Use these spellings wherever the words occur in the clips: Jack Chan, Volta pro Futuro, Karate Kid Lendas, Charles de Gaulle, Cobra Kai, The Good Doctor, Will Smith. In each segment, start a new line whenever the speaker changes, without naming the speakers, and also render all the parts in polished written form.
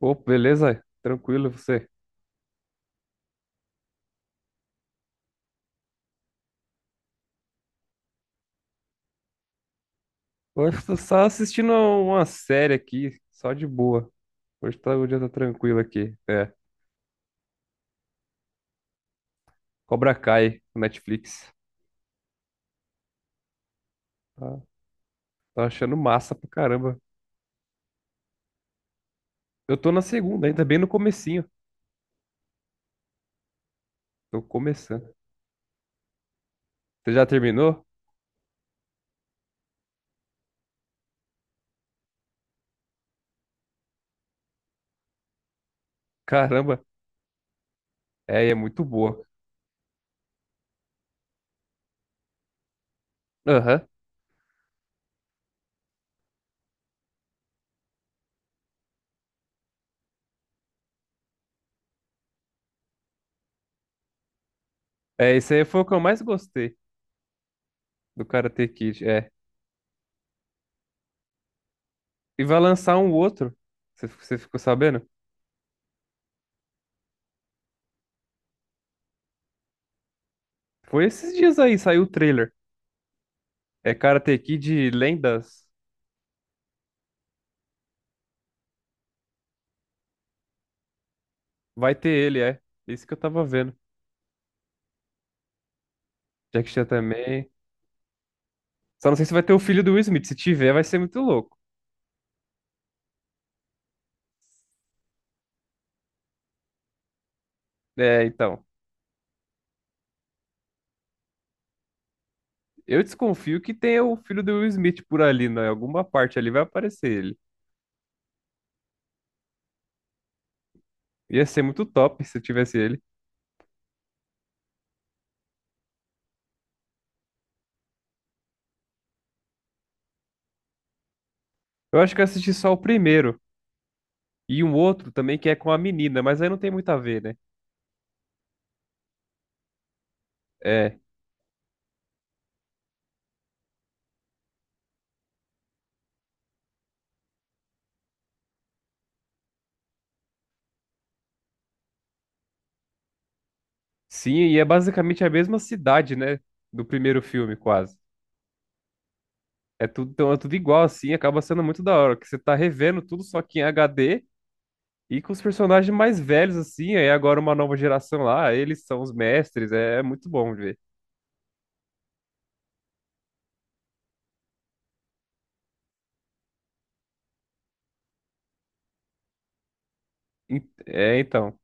Opa, beleza? Tranquilo, você? Hoje eu tô só assistindo uma série aqui, só de boa. O dia tá tranquilo aqui. É, Cobra Kai, no Netflix. Tá, tô achando massa pra caramba. Eu tô na segunda ainda, bem no comecinho. Tô começando. Você já terminou? Caramba, é, e é muito boa. Aham. É, isso aí foi o que eu mais gostei do Karate Kid, é. E vai lançar um outro, você ficou sabendo? Foi esses dias aí, saiu o trailer. É Karate Kid Lendas. Vai ter ele, é. Isso que eu tava vendo. Jack Chan também. Só não sei se vai ter o filho do Will Smith. Se tiver, vai ser muito louco. É, então. Eu desconfio que tenha o filho do Will Smith por ali, né? Em alguma parte ali vai aparecer ele. Ia ser muito top se tivesse ele. Eu acho que eu assisti só o primeiro. E um outro também que é com a menina, mas aí não tem muito a ver, né? É. Sim, e é basicamente a mesma cidade, né? Do primeiro filme, quase. É tudo, então é tudo igual, assim, acaba sendo muito da hora, que você tá revendo tudo só que em HD. E com os personagens mais velhos, assim, aí agora uma nova geração lá, eles são os mestres, é, é muito bom de ver. É, então,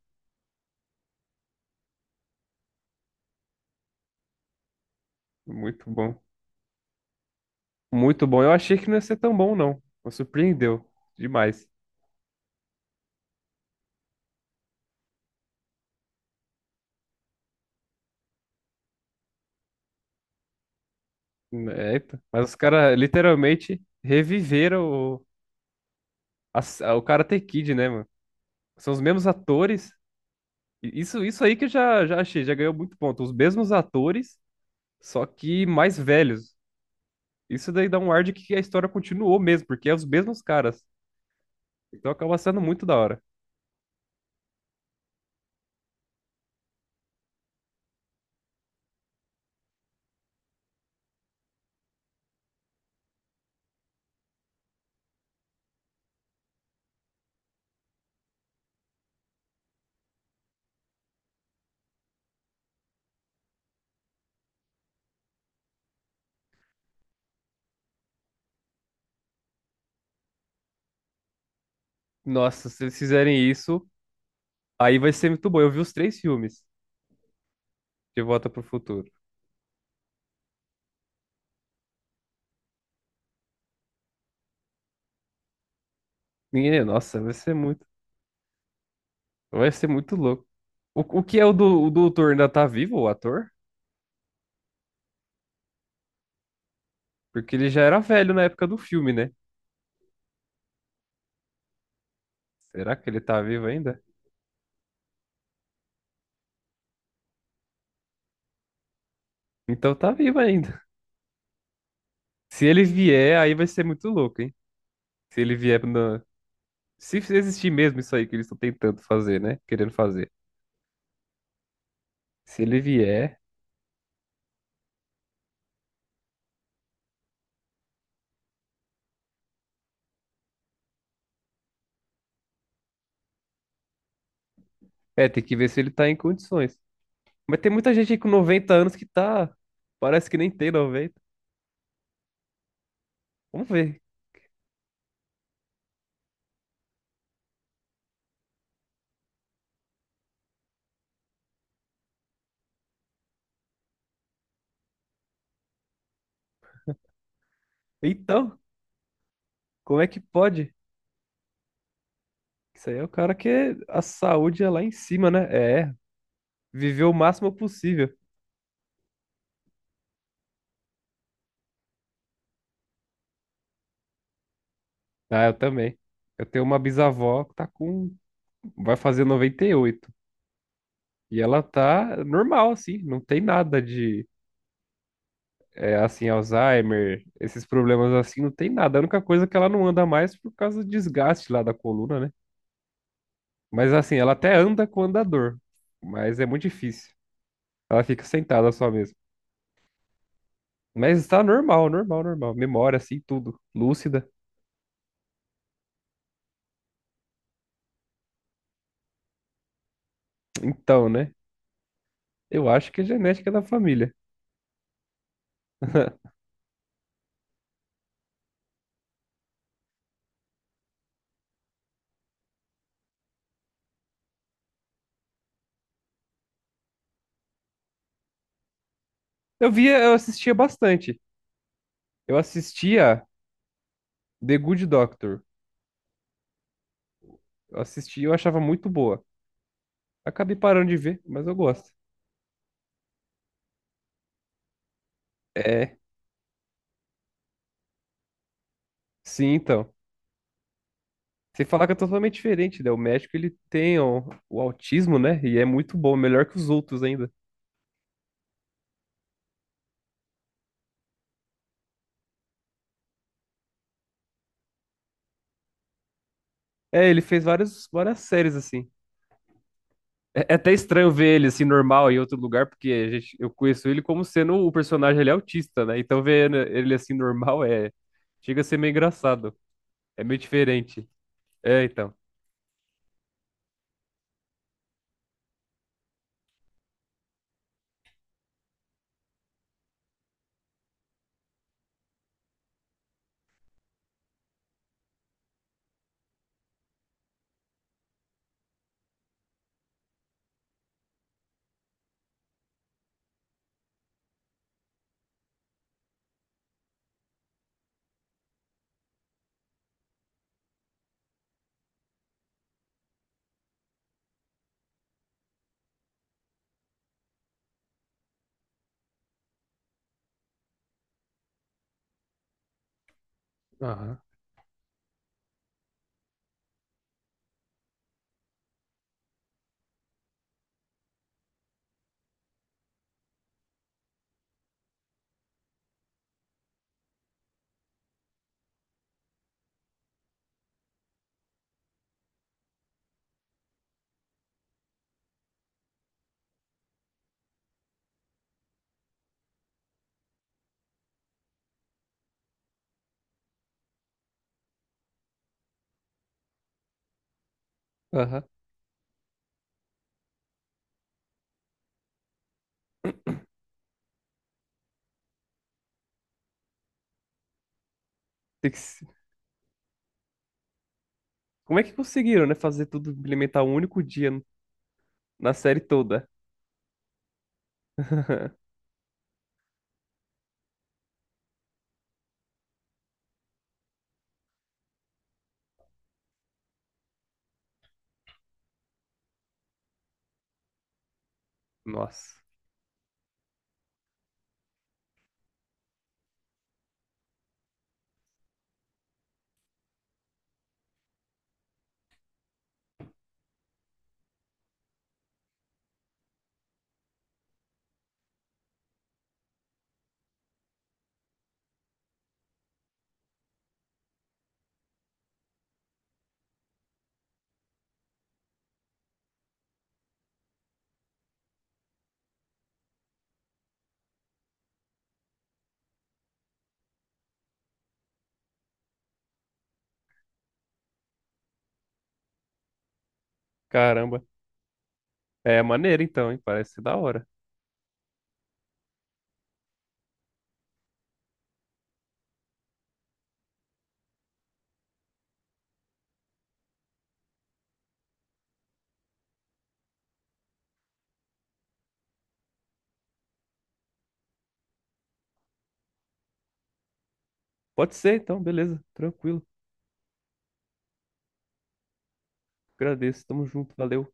muito bom. Muito bom. Eu achei que não ia ser tão bom, não. Me surpreendeu demais. É, então. Mas os caras literalmente reviveram o Karate Kid, né, mano? São os mesmos atores. E isso aí que eu já achei, já ganhou muito ponto. Os mesmos atores, só que mais velhos. Isso daí dá um ar de que a história continuou mesmo, porque é os mesmos caras. Então acaba sendo muito da hora. Nossa, se eles fizerem isso, aí vai ser muito bom. Eu vi os três filmes de Volta pro Futuro. Ninguém, nossa, vai ser muito louco. O que é o doutor ainda tá vivo, o ator? Porque ele já era velho na época do filme, né? Será que ele tá vivo ainda? Então tá vivo ainda. Se ele vier, aí vai ser muito louco, hein? Se ele vier na... Se existir mesmo isso aí que eles estão tentando fazer, né? Querendo fazer. Se ele vier, é, tem que ver se ele tá em condições. Mas tem muita gente aí com 90 anos que tá. Parece que nem tem 90. Vamos ver. Então, como é que pode? Isso aí é o cara que a saúde é lá em cima, né? É, viver o máximo possível. Ah, eu também. Eu tenho uma bisavó que tá com. Vai fazer 98. E oito. E ela tá normal, assim. Não tem nada de, é, assim, Alzheimer, esses problemas assim, não tem nada. A única coisa é que ela não anda mais por causa do desgaste lá da coluna, né? Mas, assim, ela até anda com andador. Mas é muito difícil. Ela fica sentada só mesmo. Mas está normal, normal, normal. Memória, assim, tudo. Lúcida. Então, né? Eu acho que é genética da família. Eu via, eu assistia bastante. Eu assistia The Good Doctor. Eu assistia, eu achava muito boa. Acabei parando de ver, mas eu gosto. É, sim, então. Sem falar que é totalmente diferente, né? O médico, ele tem o autismo, né? E é muito bom, melhor que os outros ainda. É, ele fez várias, várias séries, assim. É até estranho ver ele assim normal em outro lugar, porque eu conheço ele como sendo o personagem ele é autista, né? Então ver ele assim normal é chega a ser meio engraçado, é meio diferente. É, então. Aham. Aham. Tem que se- Como é que conseguiram, né, fazer tudo implementar um único dia na série toda? Nossa. Caramba. É maneiro então, hein? Parece ser da hora. Pode ser então, beleza. Tranquilo. Agradeço. Tamo junto. Valeu.